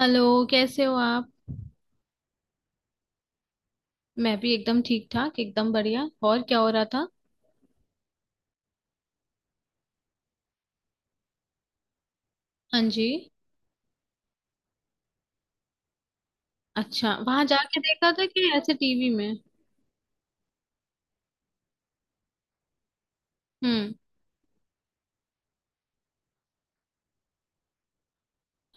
Hello. कैसे हो आप? मैं भी एकदम ठीक ठाक, एकदम बढ़िया। और क्या हो रहा था? हाँ जी। अच्छा, वहां जाके देखा था कि ऐसे टीवी में? हम्म।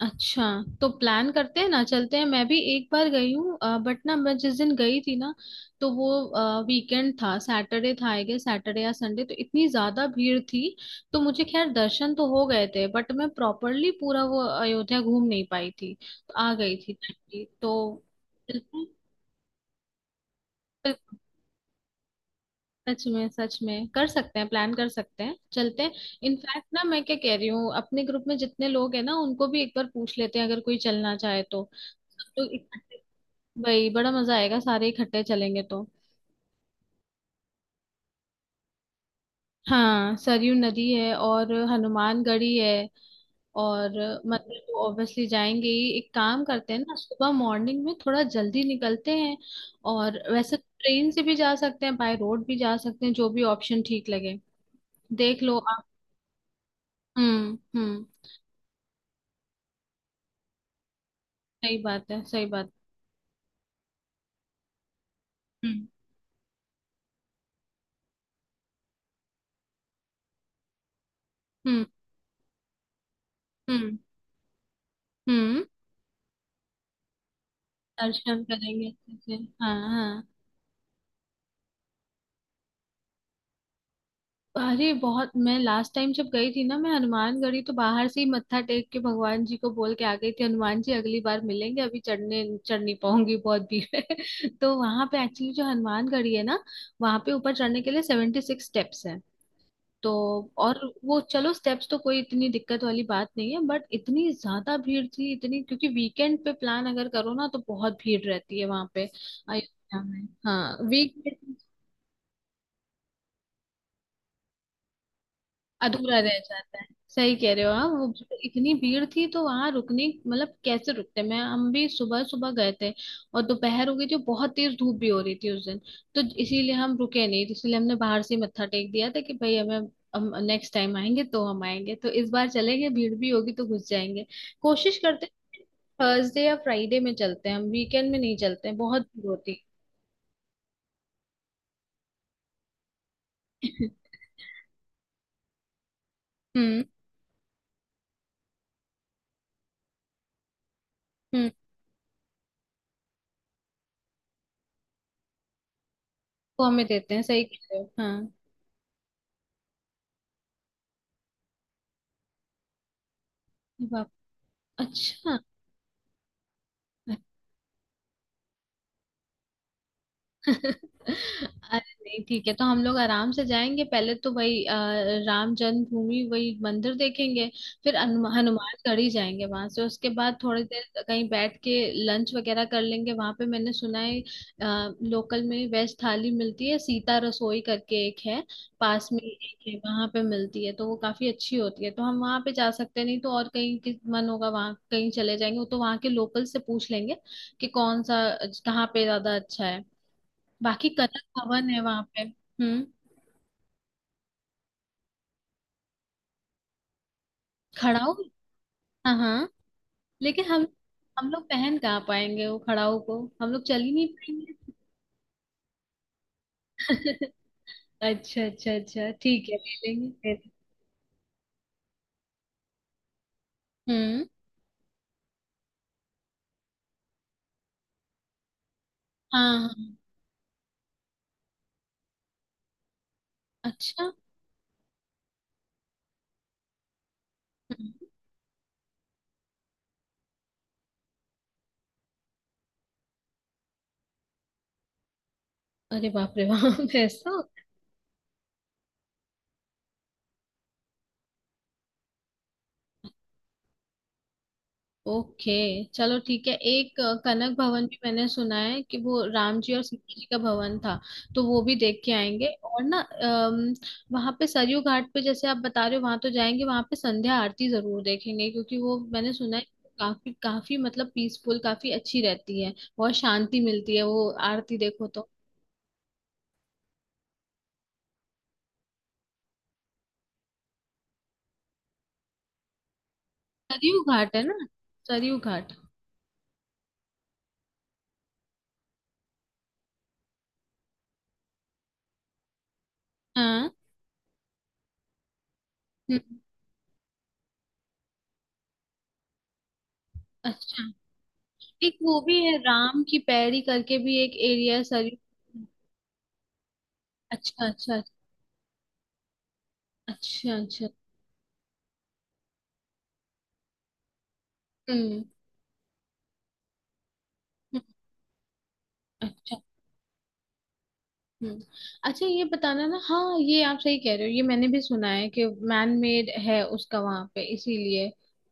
अच्छा, तो प्लान करते हैं ना, चलते हैं। मैं भी एक बार गई हूँ बट ना, मैं जिस दिन गई थी ना, तो वो वीकेंड था, सैटरडे था आई गेस, सैटरडे या संडे। तो इतनी ज्यादा भीड़ थी, तो मुझे खैर दर्शन तो हो गए थे, बट मैं प्रॉपरली पूरा वो अयोध्या घूम नहीं पाई थी, तो आ गई थी। तो चलते हैं। सच में, सच में कर सकते हैं, प्लान कर सकते हैं, चलते हैं। इनफैक्ट ना, मैं क्या कह रही हूँ, अपने ग्रुप में जितने लोग हैं ना, उनको भी एक बार पूछ लेते हैं, अगर कोई चलना चाहे तो। सब लोग इकट्ठे, भाई बड़ा मजा आएगा सारे इकट्ठे चलेंगे तो। हाँ, सरयू नदी है और हनुमानगढ़ी है। और मंदिर तो ऑब्वियसली जाएंगे ही। एक काम करते हैं ना, सुबह मॉर्निंग में थोड़ा जल्दी निकलते हैं। और वैसे ट्रेन से भी जा सकते हैं, बाय रोड भी जा सकते हैं, जो भी ऑप्शन ठीक लगे देख लो आप। हम्म, हम्म। सही बात है, सही बात। हम्म, हम्म। हम्म, हम्म। दर्शन करेंगे अच्छे से। हाँ हाँ। अरे बहुत, मैं लास्ट टाइम जब गई थी ना, मैं हनुमानगढ़ी तो बाहर से ही मत्था टेक के भगवान जी को बोल के आ गई थी, हनुमान जी अगली बार मिलेंगे, अभी चढ़ नहीं पाऊंगी, बहुत भीड़ है। तो वहां पे एक्चुअली जो हनुमानगढ़ी है ना, वहां पे ऊपर चढ़ने के लिए 76 स्टेप्स है। तो और वो चलो, स्टेप्स तो कोई इतनी दिक्कत वाली बात नहीं है, बट इतनी ज्यादा भीड़ थी इतनी, क्योंकि वीकेंड पे प्लान अगर करो ना तो बहुत भीड़ रहती है वहां पे, अयोध्या में। हाँ, वीक। अधूरा रह जाता है, सही कह रहे हो आप। वो इतनी भीड़ थी, तो वहां रुकने मतलब कैसे रुकते, मैं हम भी सुबह सुबह गए थे और दोपहर हो गई थी और बहुत तेज धूप भी हो रही थी उस दिन। तो इसीलिए हम रुके नहीं, इसीलिए हमने बाहर से ही मत्था टेक दिया था कि भाई हमें हम नेक्स्ट टाइम आएंगे, तो हम आएंगे तो इस बार चलेंगे, भीड़ भी होगी तो घुस जाएंगे, कोशिश करते हैं। थर्सडे या फ्राइडे में चलते हैं हम, वीकेंड में नहीं चलते हैं, बहुत भीड़ होती है। हम्म, हम्म। वो हमें देते हैं, सही कह रहे हो, हाँ। बाप। अच्छा। अरे नहीं ठीक है, तो हम लोग आराम से जाएंगे, पहले तो वही राम जन्मभूमि वही मंदिर देखेंगे, फिर हनुमानगढ़ी जाएंगे, वहां से उसके बाद थोड़ी देर कहीं बैठ के लंच वगैरह कर लेंगे। वहां पे मैंने सुना है लोकल में वेज थाली मिलती है, सीता रसोई करके एक है, पास में ही एक है, वहां पे मिलती है, तो वो काफी अच्छी होती है, तो हम वहां पे जा सकते हैं, नहीं तो और कहीं मन होगा वहां कहीं चले जाएंगे, वो तो वहां के लोकल से पूछ लेंगे कि कौन सा, कहाँ पे ज्यादा अच्छा है। बाकी कनक भवन है वहां पे। हम्म। खड़ाऊ। हाँ हाँ, लेकिन हम लोग पहन कहाँ पाएंगे वो खड़ाऊ को, हम लोग चल ही नहीं पाएंगे। अच्छा अच्छा अच्छा, ठीक है, ले लेंगे फिर। हम्म। हाँ हाँ। अच्छा। हम्म। अरे बाप रे बाप। ऐसा। ओके, चलो ठीक है। एक कनक भवन भी मैंने सुना है कि वो राम जी और सीता जी का भवन था, तो वो भी देख के आएंगे। और ना वहां पे सरयू घाट पे, जैसे आप बता रहे हो, वहां तो जाएंगे, वहां पे संध्या आरती जरूर देखेंगे, क्योंकि वो मैंने सुना है कि काफी काफी मतलब पीसफुल, काफी अच्छी रहती है, बहुत शांति मिलती है वो आरती देखो तो। सरयू घाट है ना। सरयू घाट। हाँ। हम्म। अच्छा, एक वो भी है राम की पैड़ी करके भी एक एरिया है सरयू। अच्छा अच्छा। अच्छा अच्छा। हम्म, हम्म। अच्छा। हम्म। अच्छा, ये बताना ना। हाँ, ये आप सही कह रहे हो, ये मैंने भी सुना है कि मैन मेड है उसका वहां पे, इसीलिए।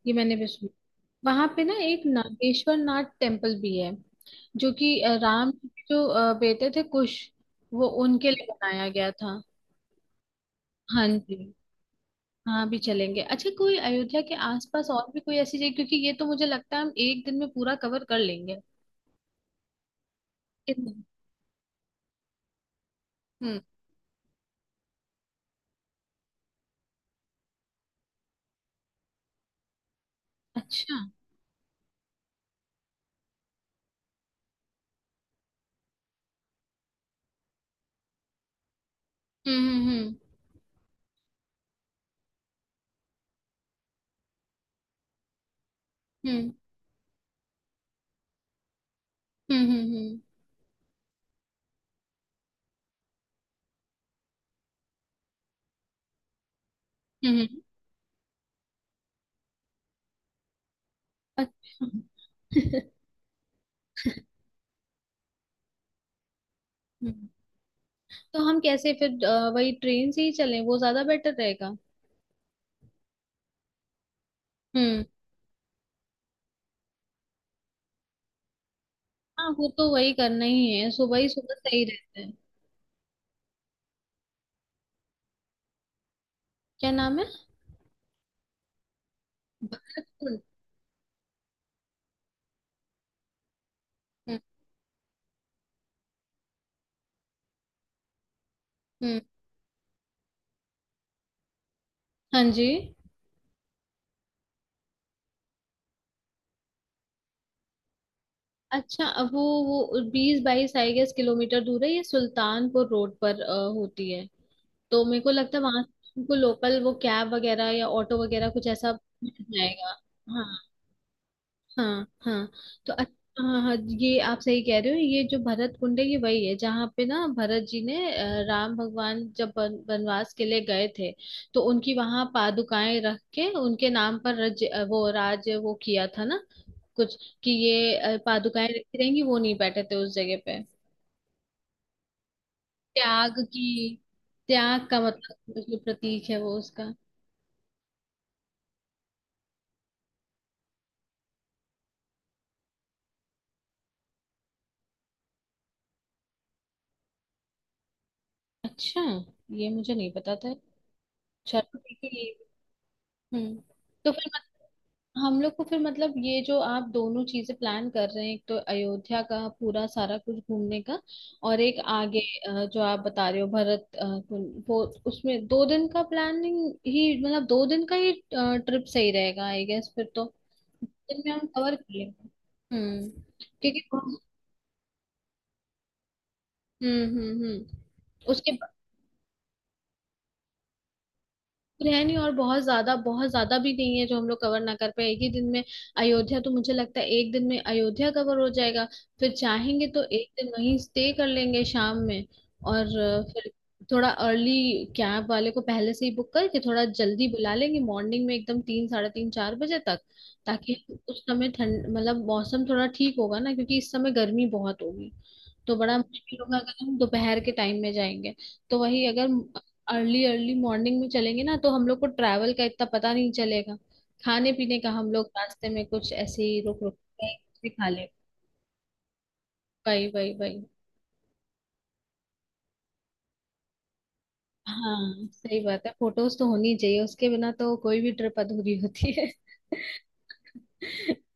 ये मैंने भी सुना, वहां पे ना एक नागेश्वर नाथ टेम्पल भी है, जो कि राम के जो बेटे थे कुश, वो उनके लिए बनाया गया था। हाँ जी। हाँ भी चलेंगे। अच्छा, कोई अयोध्या के आसपास और भी कोई ऐसी जगह? क्योंकि ये तो मुझे लगता है हम एक दिन में पूरा कवर कर लेंगे। कितना? हम्म। अच्छा। हम्म, हम्म, हम्म, हम्म। हम्म, हम्म, हम्म, हम्म। हम्म। अच्छा। हम्म, तो हम कैसे फिर, वही ट्रेन से ही चलें, वो ज्यादा बेटर रहेगा। हम्म। हाँ, वो तो वही करना ही है, सुबह ही सुबह सही रहता है। क्या नाम है? भरतपुर। हम्म, हम्म। हाँ जी। अच्छा, अब वो 20-22 आई गेस किलोमीटर दूर है, ये सुल्तानपुर रोड पर होती है, तो मेरे को लगता है वहां को लोकल वो कैब वगैरह या ऑटो वगैरह कुछ ऐसा मिल जाएगा। हाँ। हाँ हाँ। तो हाँ हाँ। ये आप सही कह रहे हो, ये जो भरत कुंड है, ये वही है जहाँ पे ना भरत जी ने राम भगवान जब वनवास के लिए गए थे, तो उनकी वहां पादुकाएं रख के उनके नाम पर वो राज वो किया था ना, कुछ कि ये पादुकाएं रखी रहेंगी, वो नहीं बैठे थे उस जगह पे। त्याग की त्याग का मतलब जो प्रतीक है वो उसका। अच्छा, ये मुझे नहीं पता था। चलो ठीक है ये। हम्म। तो फिर हम लोग को फिर, मतलब ये जो आप दोनों चीजें प्लान कर रहे हैं, एक तो अयोध्या का पूरा सारा कुछ घूमने का, और एक आगे जो आप बता रहे हो भरत कुंड, वो उसमें 2 दिन का प्लानिंग ही, मतलब 2 दिन का ही ट्रिप सही रहेगा आई गेस फिर तो। दिन में हम कवर कर लेंगे। हम्म। क्योंकि, हम्म, उसके है नहीं। और बहुत ज्यादा भी नहीं है जो हम लोग कवर ना कर पाए एक ही दिन में। अयोध्या तो मुझे लगता है 1 दिन में अयोध्या कवर हो जाएगा। फिर चाहेंगे तो 1 दिन वहीं स्टे कर लेंगे शाम में, और फिर थोड़ा अर्ली, कैब वाले को पहले से ही बुक करके थोड़ा जल्दी बुला लेंगे मॉर्निंग में, एकदम 3, 3:30, 4 बजे तक। ताकि उस समय ठंड, मतलब मौसम थोड़ा ठीक होगा ना, क्योंकि इस समय गर्मी बहुत होगी, तो बड़ा मुश्किल होगा अगर हम दोपहर के टाइम में जाएंगे। तो वही अगर अर्ली अर्ली मॉर्निंग में चलेंगे ना, तो हम लोग को ट्रैवल का इतना पता नहीं चलेगा। खाने पीने का हम लोग रास्ते में कुछ ऐसे ही रुक रुक के कुछ भी खा ले। वही वही वही। हाँ सही बात है, फोटोज तो होनी चाहिए, उसके बिना तो कोई भी ट्रिप अधूरी होती है।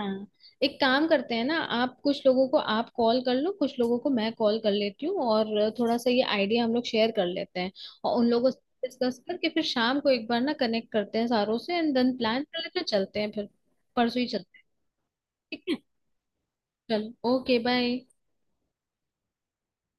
हाँ, एक काम करते हैं ना, आप कुछ लोगों को आप कॉल कर लो, कुछ लोगों को मैं कॉल कर लेती हूँ, और थोड़ा सा ये आइडिया हम लोग शेयर कर लेते हैं और उन लोगों से डिस्कस करके फिर शाम को एक बार ना कनेक्ट करते हैं सारों से एंड देन प्लान कर लेते हैं, चलते हैं फिर। परसों ही चलते हैं। ठीक है। चलो, ओके बाय।